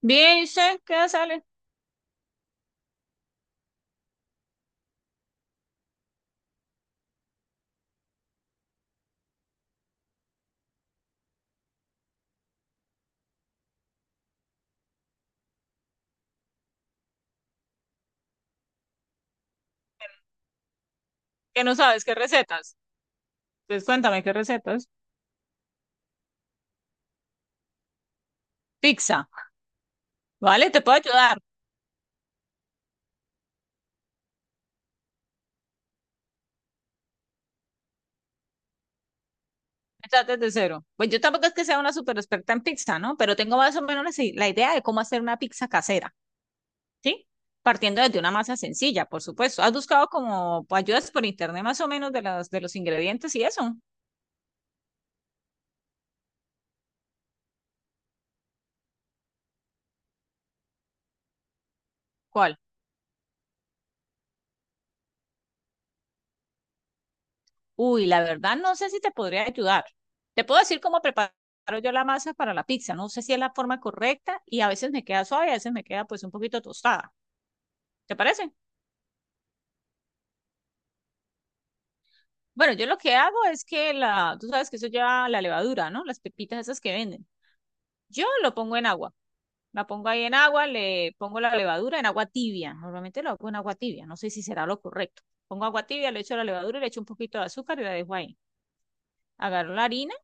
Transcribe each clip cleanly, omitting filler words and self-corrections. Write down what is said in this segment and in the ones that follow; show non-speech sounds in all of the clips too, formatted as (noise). Bien, ¿y usted qué sale? Que no sabes qué recetas. Pues cuéntame qué recetas. Pizza, ¿vale? Te puedo ayudar. Estás desde cero. Pues yo tampoco es que sea una super experta en pizza, ¿no? Pero tengo más o menos la si- la idea de cómo hacer una pizza casera, ¿sí? Partiendo desde una masa sencilla, por supuesto. ¿Has buscado como ayudas por internet más o menos de los ingredientes y eso? ¿Cuál? Uy, la verdad no sé si te podría ayudar. Te puedo decir cómo preparo yo la masa para la pizza. No sé si es la forma correcta y a veces me queda suave, a veces me queda pues un poquito tostada. ¿Te parece? Bueno, yo lo que hago es que tú sabes que eso lleva la levadura, ¿no? Las pepitas esas que venden. Yo lo pongo en agua. La pongo ahí en agua, le pongo la levadura en agua tibia. Normalmente lo hago en agua tibia. No sé si será lo correcto. Pongo agua tibia, le echo la levadura, le echo un poquito de azúcar y la dejo ahí. Agarro la harina,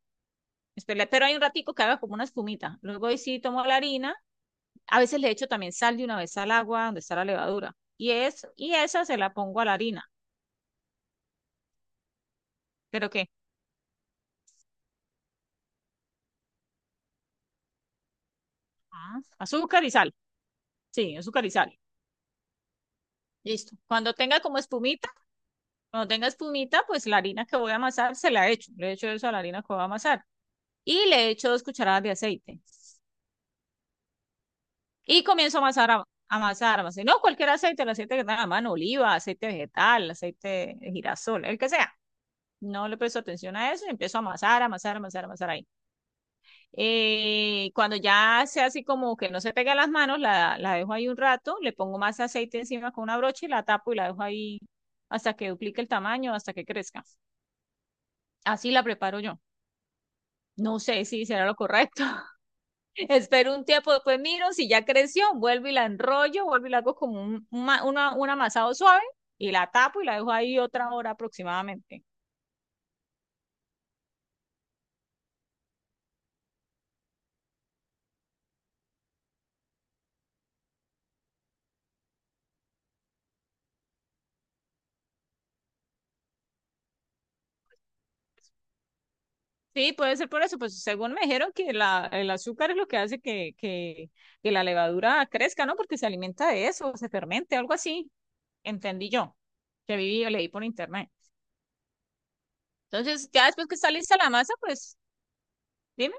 espero, pero hay un ratico que haga como una espumita. Luego ahí sí tomo la harina. A veces le echo también sal de una vez al agua donde está la levadura. Y esa se la pongo a la harina. ¿Pero qué? Ah, azúcar y sal. Sí, azúcar y sal. Listo. Cuando tenga espumita, pues la harina que voy a amasar se la echo. Le echo eso a la harina que voy a amasar. Y le echo dos cucharadas de aceite. Y comienzo a amasar, amasar. No cualquier aceite, el aceite que tenga a mano, oliva, aceite vegetal, aceite de girasol, el que sea. No le presto atención a eso y empiezo a amasar, amasar, amasar, amasar ahí. Cuando ya sea así como que no se pega las manos, la dejo ahí un rato, le pongo más aceite encima con una brocha y la tapo y la dejo ahí hasta que duplique el tamaño, hasta que crezca. Así la preparo yo. No sé si será lo correcto. (laughs) Espero un tiempo, después miro si ya creció, vuelvo y la enrollo, vuelvo y la hago como un amasado suave y la tapo y la dejo ahí otra hora aproximadamente. Sí, puede ser por eso, pues según me dijeron que el azúcar es lo que hace que la levadura crezca, ¿no? Porque se alimenta de eso, se fermente, algo así, entendí yo, que viví o leí por internet. Entonces, ya después que está lista la masa, pues dime.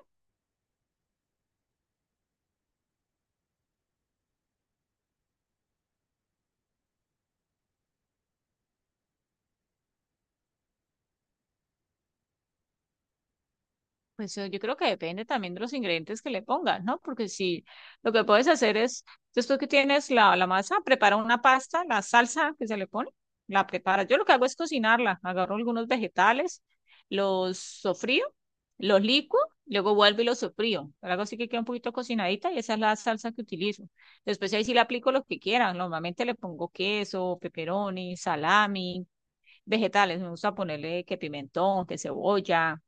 Pues yo creo que depende también de los ingredientes que le pongas, ¿no? Porque si lo que puedes hacer es, después que tienes la masa, prepara una pasta, la salsa que se le pone, la prepara. Yo lo que hago es cocinarla, agarro algunos vegetales, los sofrío, los licuo, luego vuelvo y los sofrío. Pero hago así que queda un poquito cocinadita y esa es la salsa que utilizo. Después ahí sí le aplico lo que quieran. Normalmente le pongo queso, pepperoni, salami, vegetales. Me gusta ponerle que pimentón, que cebolla,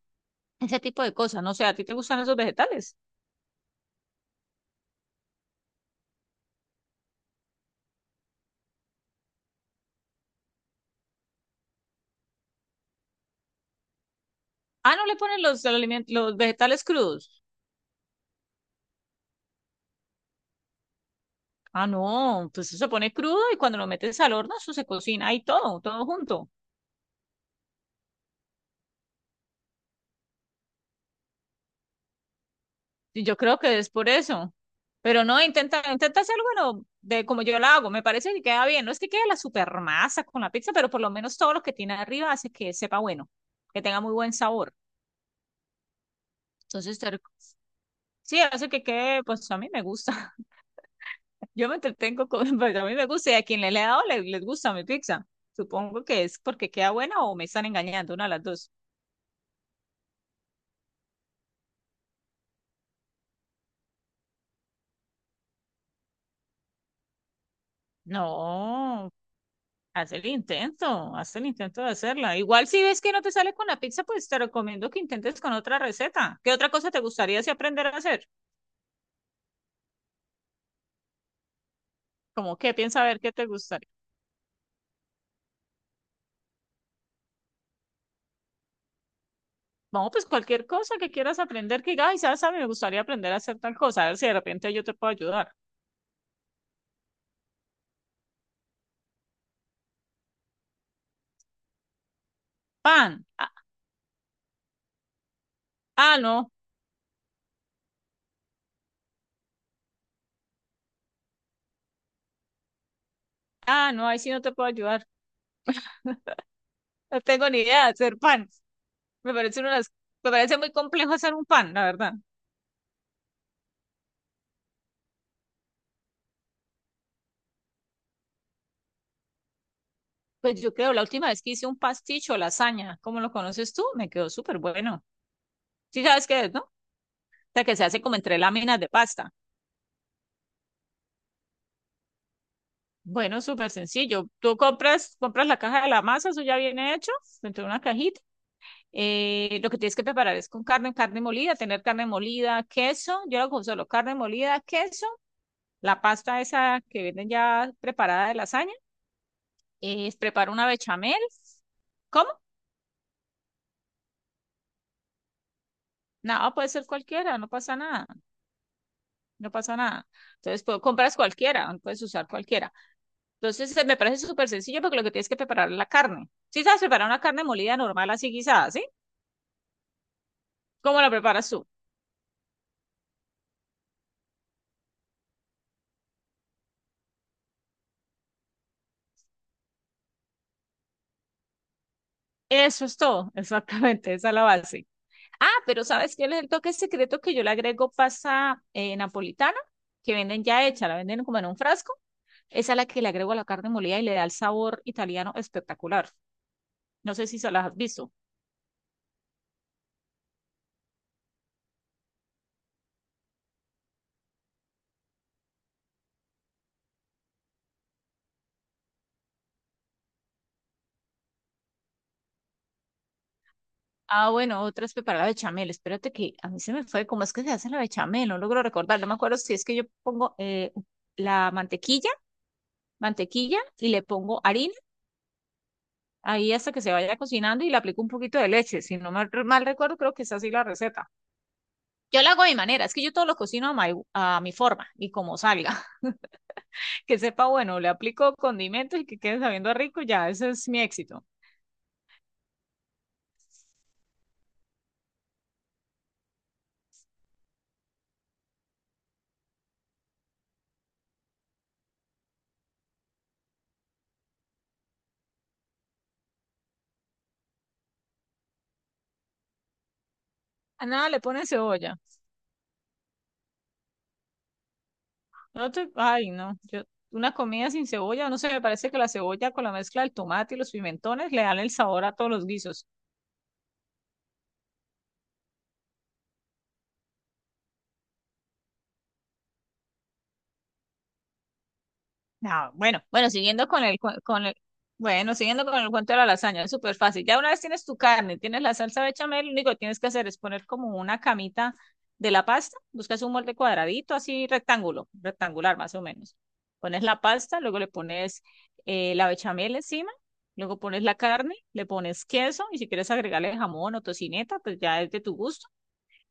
ese tipo de cosas, no sé, ¿a ti te gustan esos vegetales? Ah, no le ponen los vegetales crudos. Ah, no, pues eso se pone crudo y cuando lo metes al horno, eso se cocina ahí todo, todo junto. Y yo creo que es por eso. Pero no, intenta, intenta hacerlo, bueno, de como yo lo hago, me parece que queda bien. No es que quede la super masa con la pizza, pero por lo menos todo lo que tiene arriba hace que sepa bueno, que tenga muy buen sabor. Entonces, sí, hace que quede, pues a mí me gusta. Yo me entretengo con, (laughs) pues a mí me gusta y a quien le he les gusta mi pizza. Supongo que es porque queda buena o me están engañando, una de las dos. No, haz el intento de hacerla. Igual si ves que no te sale con la pizza, pues te recomiendo que intentes con otra receta. ¿Qué otra cosa te gustaría si aprender a hacer? Como qué piensa a ver qué te gustaría. Vamos, pues cualquier cosa que quieras aprender, que digas, ay, sabes, a mí me gustaría aprender a hacer tal cosa, a ver si de repente yo te puedo ayudar. Pan. Ah, ah, no. Ah, no, ahí sí no te puedo ayudar. No tengo ni idea de hacer pan. Me parece una de las- me parece muy complejo hacer un pan, la verdad. Pues yo creo, la última vez que hice un pasticho o lasaña, como lo conoces tú, me quedó súper bueno. Sí sabes qué es, ¿no? O sea, que se hace como entre láminas de pasta. Bueno, súper sencillo. Tú compras, compras la caja de la masa, eso ya viene hecho, dentro de una cajita. Lo que tienes que preparar es con carne, carne molida, tener carne molida, queso. Yo lo hago solo carne molida, queso, la pasta esa que venden ya preparada de lasaña, preparo una bechamel. ¿Cómo? Nada, puede ser cualquiera, no pasa nada, no pasa nada. Entonces, pues, compras cualquiera, puedes usar cualquiera. Entonces, me parece súper sencillo porque lo que tienes que preparar es la carne. Si sabes preparar una carne molida normal, así guisada, ¿sí? ¿Cómo la preparas tú? Eso es todo, (laughs) exactamente, esa es la base. Ah, pero ¿sabes qué es el toque secreto que yo le agrego pasa napolitana? Que venden ya hecha, la venden como en un frasco. Esa es la que le agrego a la carne molida y le da el sabor italiano espectacular. No sé si se las has visto. Ah, bueno, otra es preparar la bechamel. Espérate que a mí se me fue. ¿Cómo es que se hace la bechamel? No logro recordar. No me acuerdo si es que yo pongo la mantequilla, mantequilla y le pongo harina ahí hasta que se vaya cocinando y le aplico un poquito de leche. Si no mal, mal recuerdo, creo que es así la receta. Yo la hago a mi manera. Es que yo todo lo cocino a mi forma y como salga. (laughs) Que sepa, bueno, le aplico condimentos y que quede sabiendo a rico. Ya, ese es mi éxito. A nada le ponen cebolla. No te, ay, no. Yo, una comida sin cebolla, no sé, me parece que la cebolla con la mezcla del tomate y los pimentones le dan el sabor a todos los guisos. No, bueno, siguiendo con el, bueno, siguiendo con el cuento de la lasaña, es súper fácil. Ya una vez tienes tu carne, tienes la salsa bechamel, lo único que tienes que hacer es poner como una camita de la pasta, buscas un molde cuadradito, así rectángulo, rectangular más o menos. Pones la pasta, luego le pones la bechamel encima, luego pones la carne, le pones queso y si quieres agregarle jamón o tocineta, pues ya es de tu gusto.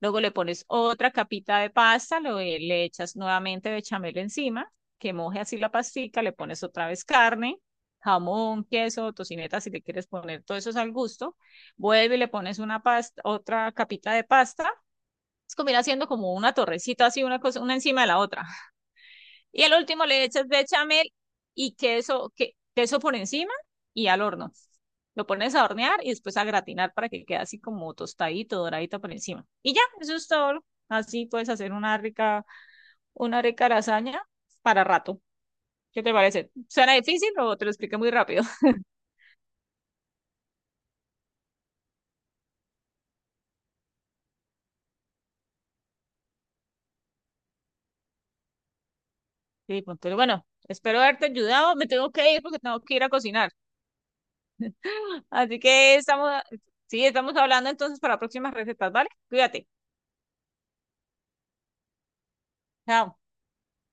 Luego le pones otra capita de pasta, le echas nuevamente bechamel encima, que moje así la pastica, le pones otra vez carne, jamón, queso, tocineta, si le quieres poner todo eso es al gusto. Vuelve y le pones una pasta, otra capita de pasta. Es como ir haciendo como una torrecita así, una cosa, una encima de la otra. Y al último le echas bechamel y queso, queso por encima y al horno. Lo pones a hornear y después a gratinar para que quede así como tostadito, doradito por encima. Y ya, eso es todo. Así puedes hacer una rica lasaña para rato. ¿Qué te parece? ¿Suena difícil o te lo expliqué muy rápido? (laughs) Sí, pues, pero bueno, espero haberte ayudado. Me tengo que ir porque tengo que ir a cocinar. Así que estamos, sí, estamos hablando entonces para próximas recetas, ¿vale? Cuídate. Chao.